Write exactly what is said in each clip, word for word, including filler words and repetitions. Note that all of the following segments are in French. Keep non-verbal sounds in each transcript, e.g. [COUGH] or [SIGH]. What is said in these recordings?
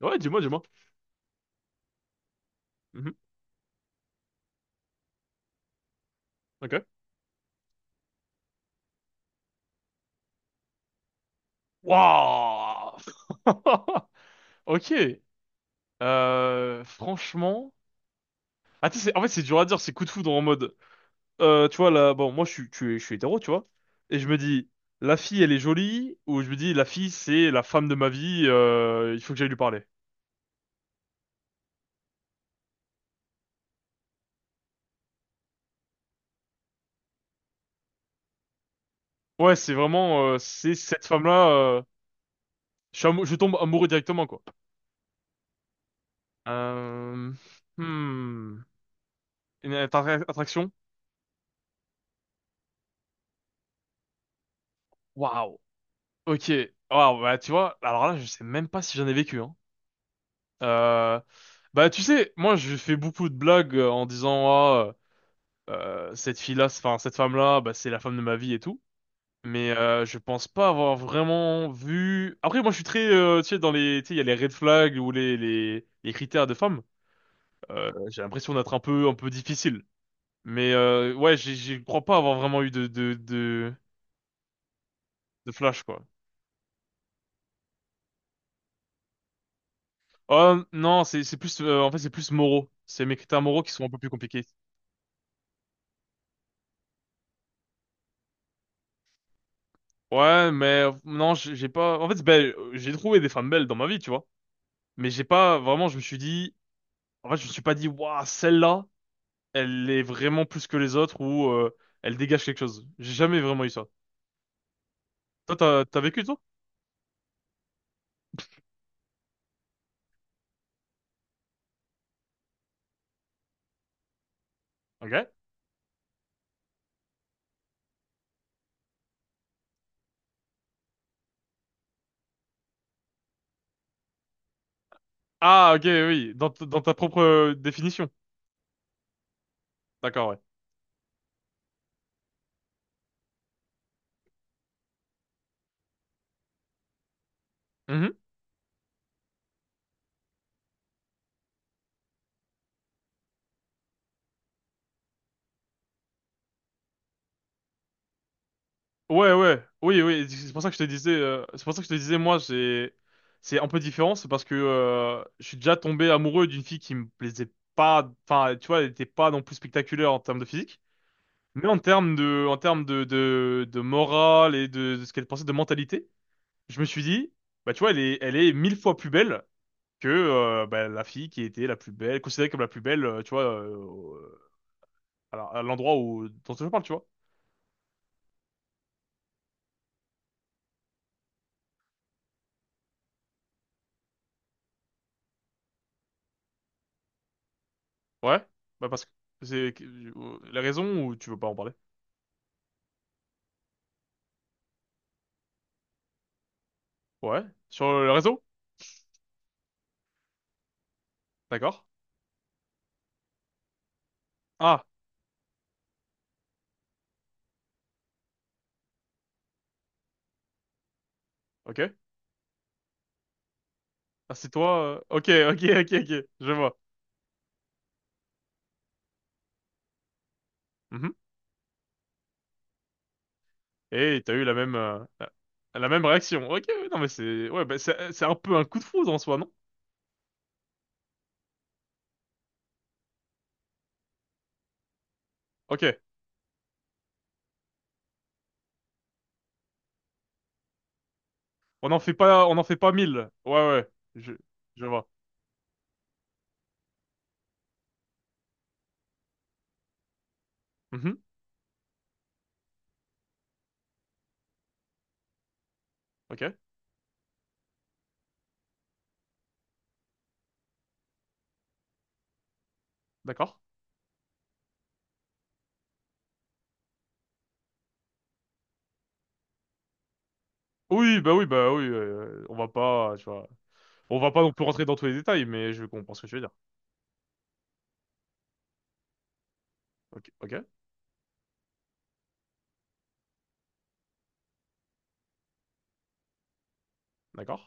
Ouais, dis-moi, dis-moi. Mhm. Ok. Waouh! [LAUGHS] Ok. Euh, franchement. Ah, tu sais, c'est- en fait, c'est dur à dire, c'est coup de foudre en mode. Euh, tu vois, là, bon, moi, je suis, tu es- je suis hétéro, tu vois. Et je me dis, la fille, elle est jolie, ou je me dis, la fille, c'est la femme de ma vie, euh, il faut que j'aille lui parler. Ouais, c'est vraiment, euh, c'est cette femme-là, euh, je, suis amou- je tombe amoureux directement, quoi. Euh, hmm. Une attra- attraction? Waouh! Ok. Waouh, bah, tu vois, alors là, je sais même pas si j'en ai vécu, hein. Euh, bah, tu sais, moi, je fais beaucoup de blagues euh, en disant, ah, euh, cette fille-là, c'est- enfin, cette femme-là, bah, c'est la femme de ma vie et tout. Mais euh, je pense pas avoir vraiment vu. Après, moi, je suis très, euh, tu sais, dans les, tu sais, il y a les red flags ou les les, les critères de femme. Euh, j'ai l'impression d'être un peu un peu difficile. Mais euh, ouais, j'ai- je crois pas avoir vraiment eu de de de, de flash quoi. Euh, non, c'est c'est plus euh, en fait c'est plus moraux. C'est mes critères moraux qui sont un peu plus compliqués. Ouais, mais euh, non, j'ai j'ai pas. En fait, ben, euh, j'ai trouvé des femmes belles dans ma vie, tu vois. Mais j'ai pas vraiment. Je me suis dit. En fait, je me suis pas dit, waouh, celle-là, elle est vraiment plus que les autres ou euh, elle dégage quelque chose. J'ai jamais vraiment eu ça. Toi, t'as t'as vécu toi? Ok. Ah, ok, oui. Dans t- dans ta propre euh, définition. D'accord, ouais. Ouais, ouais, oui, oui, c'est pour ça que je te disais, euh, c'est pour ça que je te disais, moi, j'ai, c'est un peu différent, c'est parce que euh, je suis déjà tombé amoureux d'une fille qui me plaisait pas, enfin, tu vois, elle était pas non plus spectaculaire en termes de physique, mais en termes de, en termes de, de, de morale et de, de ce qu'elle pensait de mentalité, je me suis dit, bah, tu vois, elle est, elle est mille fois plus belle que euh, bah, la fille qui était la plus belle, considérée comme la plus belle, euh, tu vois, euh, à la- à l'endroit où dont je parle, tu vois. Ouais, bah parce que c'est la raison ou tu veux pas en parler? Ouais, sur le réseau? D'accord. Ah, ok. Ah, c'est toi. euh, Ok, [LAUGHS] ok, ok, ok. Je vois. Mhm. Et t'as eu la même euh, la la même réaction. Ok, ouais, non mais c'est ouais, bah, c'est c'est un peu un coup de foudre en soi, non? Ok. On n'en fait pas, on en fait pas mille. Ouais, ouais. Je je vois. Mhm. Ok, d'accord. Oui, bah oui, bah oui. Euh, on va pas, tu vois, on va pas non plus rentrer dans tous les détails, mais je comprends ce que tu veux dire. Ok, ok, d'accord.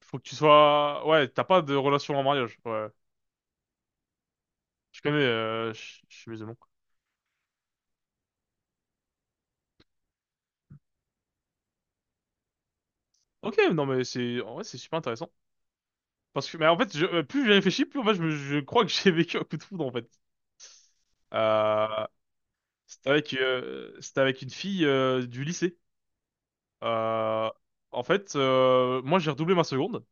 Faut que tu sois... Ouais, t'as pas de relation en mariage. Ouais. Je connais, euh, je je suis musulman. Ok, non mais c'est... En vrai, c'est super intéressant. Parce que, mais en fait, je, euh, plus j'ai réfléchi, plus en fait, je, me- je crois que j'ai [LAUGHS] vécu un coup de foudre, en fait. Euh, c'était avec, euh, c'était avec une fille euh, du lycée. Euh, en fait, euh, moi, j'ai redoublé ma seconde.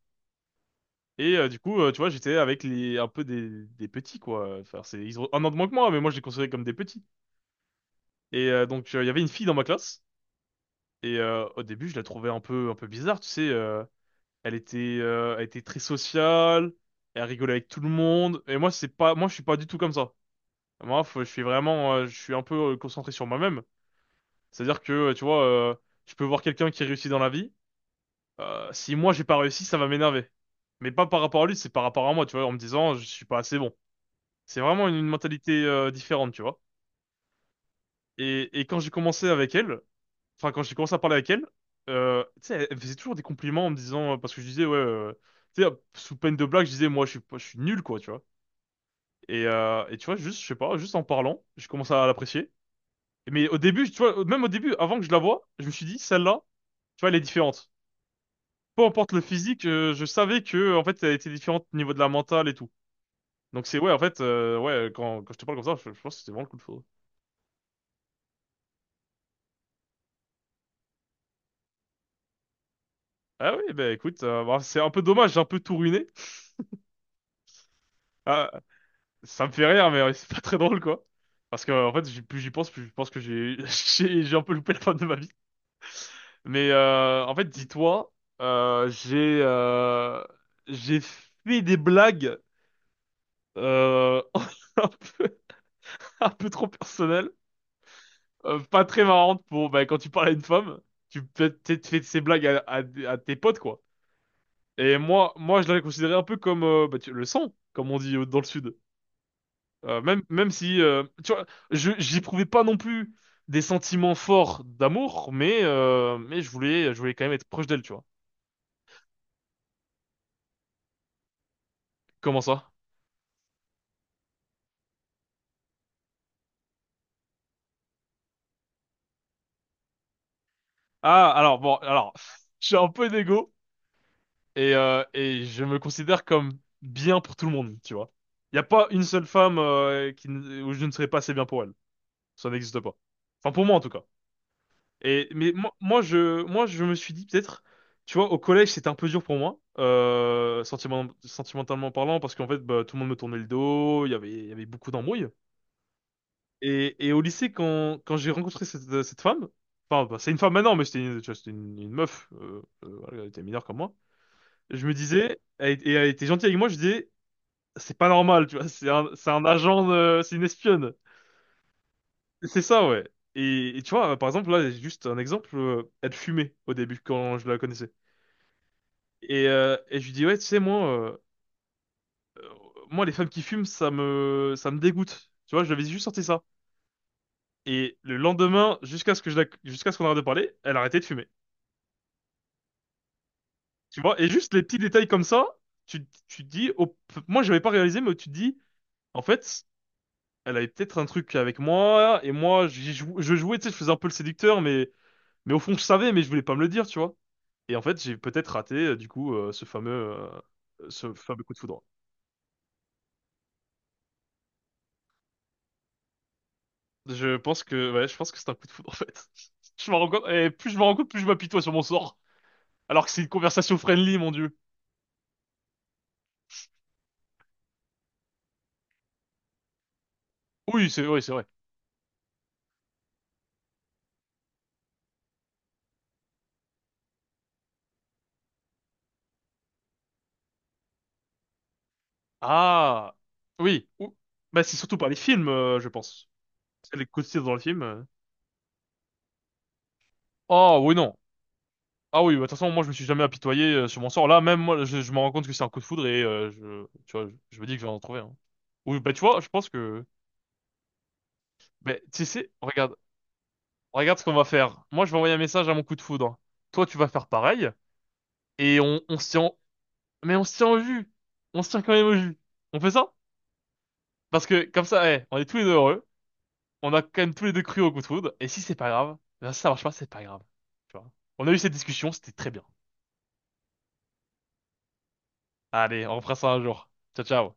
Et euh, du coup, euh, tu vois, j'étais avec les, un peu des, des petits, quoi. Enfin, c'est, ils ont un an de moins que moi, mais moi, je les considérais comme des petits. Et euh, donc, euh, il y avait une fille dans ma classe. Et euh, au début, je la trouvais un peu, un peu bizarre, tu sais. euh, Elle était, euh, elle était très sociale. Elle rigolait avec tout le monde. Et moi, c'est pas, moi, je suis pas du tout comme ça. Moi, faut- je suis vraiment, euh, je suis un peu euh, concentré sur moi-même. C'est-à-dire que, euh, tu vois, euh, je peux voir quelqu'un qui réussit dans la vie. Euh, si moi, j'ai pas réussi, ça va m'énerver. Mais pas par rapport à lui, c'est par rapport à moi, tu vois, en me disant, je suis pas assez bon. C'est vraiment une, une mentalité, euh, différente, tu vois. Et, et quand j'ai commencé avec elle, enfin quand j'ai commencé à parler avec elle, euh, tu sais, elle elle faisait toujours des compliments en me disant euh, parce que je disais ouais, euh, tu sais, sous peine de blague, je disais moi je suis pas- je suis nul quoi, tu vois. Et euh, et tu vois juste je sais pas, juste en parlant, je commence à l'apprécier. Mais au début, tu vois, même au début, avant que je la voie, je me suis dit celle-là, tu vois, elle est différente. Peu importe le physique, euh, je savais que en fait elle était différente au niveau de la mentale et tout. Donc c'est ouais en fait euh, ouais quand quand je te parle comme ça, je, je pense que c'était vraiment le coup de foudre. Ah oui, bah écoute, euh, bah, c'est un peu dommage, j'ai un peu tout ruiné. [LAUGHS] Ça me fait rire, mais euh, c'est pas très drôle, quoi. Parce que, en fait, j'y- plus j'y pense, plus je pense que j'ai [LAUGHS] j'ai j'ai un peu loupé la fin de ma vie. Mais euh, en fait, dis-toi, euh, j'ai euh, j'ai fait des blagues euh, [LAUGHS] un peu, un peu trop personnelles, euh, pas très marrantes pour bah, quand tu parles à une femme, tu peux peut-être fait ces blagues à, à, à tes potes, quoi. Et moi, moi, je l'avais considéré un peu comme euh, bah, tu- le sang, comme on dit euh, dans le sud. Euh, même, même si, euh, tu vois, je, j'éprouvais pas non plus des sentiments forts d'amour, mais, euh, mais je voulais, je voulais quand même être proche d'elle, tu vois. Comment ça? Ah, alors, bon, alors, [LAUGHS] je suis un peu d'égo et, euh, et je me considère comme bien pour tout le monde, tu vois. Il n'y a pas une seule femme euh, qui, ne- où je ne serais pas assez bien pour elle. Ça n'existe pas. Enfin, pour moi, en tout cas. Et mais moi, moi je moi je me suis dit peut-être tu vois au collège c'était un peu dur pour moi euh, sentiment- sentimentalement parlant parce qu'en fait bah, tout le monde me tournait le dos il y avait il y avait beaucoup d'embrouilles et, et au lycée quand quand j'ai rencontré cette, cette femme enfin bah, c'est une femme maintenant mais c'était une, tu vois, c'était une, une meuf euh, euh, voilà, elle était mineure comme moi je me disais elle, et elle était gentille avec moi je disais c'est pas normal tu vois c'est un c'est un agent de- c'est une espionne c'est ça ouais et, et tu vois par exemple là j'ai juste un exemple euh, elle fumait au début quand je la connaissais. Et, euh, et je lui dis, ouais, tu sais, moi, euh, euh, moi, les femmes qui fument, ça me, ça me dégoûte. Tu vois, je lui avais juste sorti ça. Et le lendemain, jusqu'à ce que je, la- jusqu'à ce qu'on arrête de parler, elle arrêtait de fumer. Tu vois, et juste les petits détails comme ça, tu, tu te dis, oh, p- moi, j'avais pas réalisé, mais tu te dis, en fait, elle avait peut-être un truc avec moi, et moi, j'y jou- je jouais, tu sais, je faisais un peu le séducteur, mais, mais au fond, je savais, mais je voulais pas me le dire, tu vois. Et en fait, j'ai peut-être raté, euh, du coup, euh, ce fameux, euh, ce fameux coup de foudre. Je pense que, ouais, je pense que c'est un coup de foudre, en fait. [LAUGHS] Je me rends compte, et plus je me rends compte, plus je m'apitoie sur mon sort. Alors que c'est une conversation friendly, mon Dieu. Oui, c'est vrai, c'est vrai. Ah, oui. Ou- Bah, c'est surtout par les films, euh, je pense. C'est les coups de tir dans le film. Euh. Oh, oui, non. Ah oui, bah, de toute façon, moi, je me suis jamais apitoyé euh, sur mon sort. Là, même moi, je, je me rends compte que c'est un coup de foudre et euh, je, tu vois, je, je me dis que je vais en trouver un. Oui, bah, tu vois, je pense que, bah, tu sais, regarde, regarde ce qu'on va faire. Moi, je vais envoyer un message à mon coup de foudre. Toi, tu vas faire pareil. Et on, on se tient, mais on se tient au jus. On se tient quand même au jus. On fait ça? Parce que comme ça, eh, on est tous les deux heureux. On a quand même tous les deux cru au coup de foudre. Et si c'est pas grave, ben, si ça marche pas, c'est pas grave. Tu vois. On a eu cette discussion, c'était très bien. Allez, on refera ça un jour. Ciao, ciao.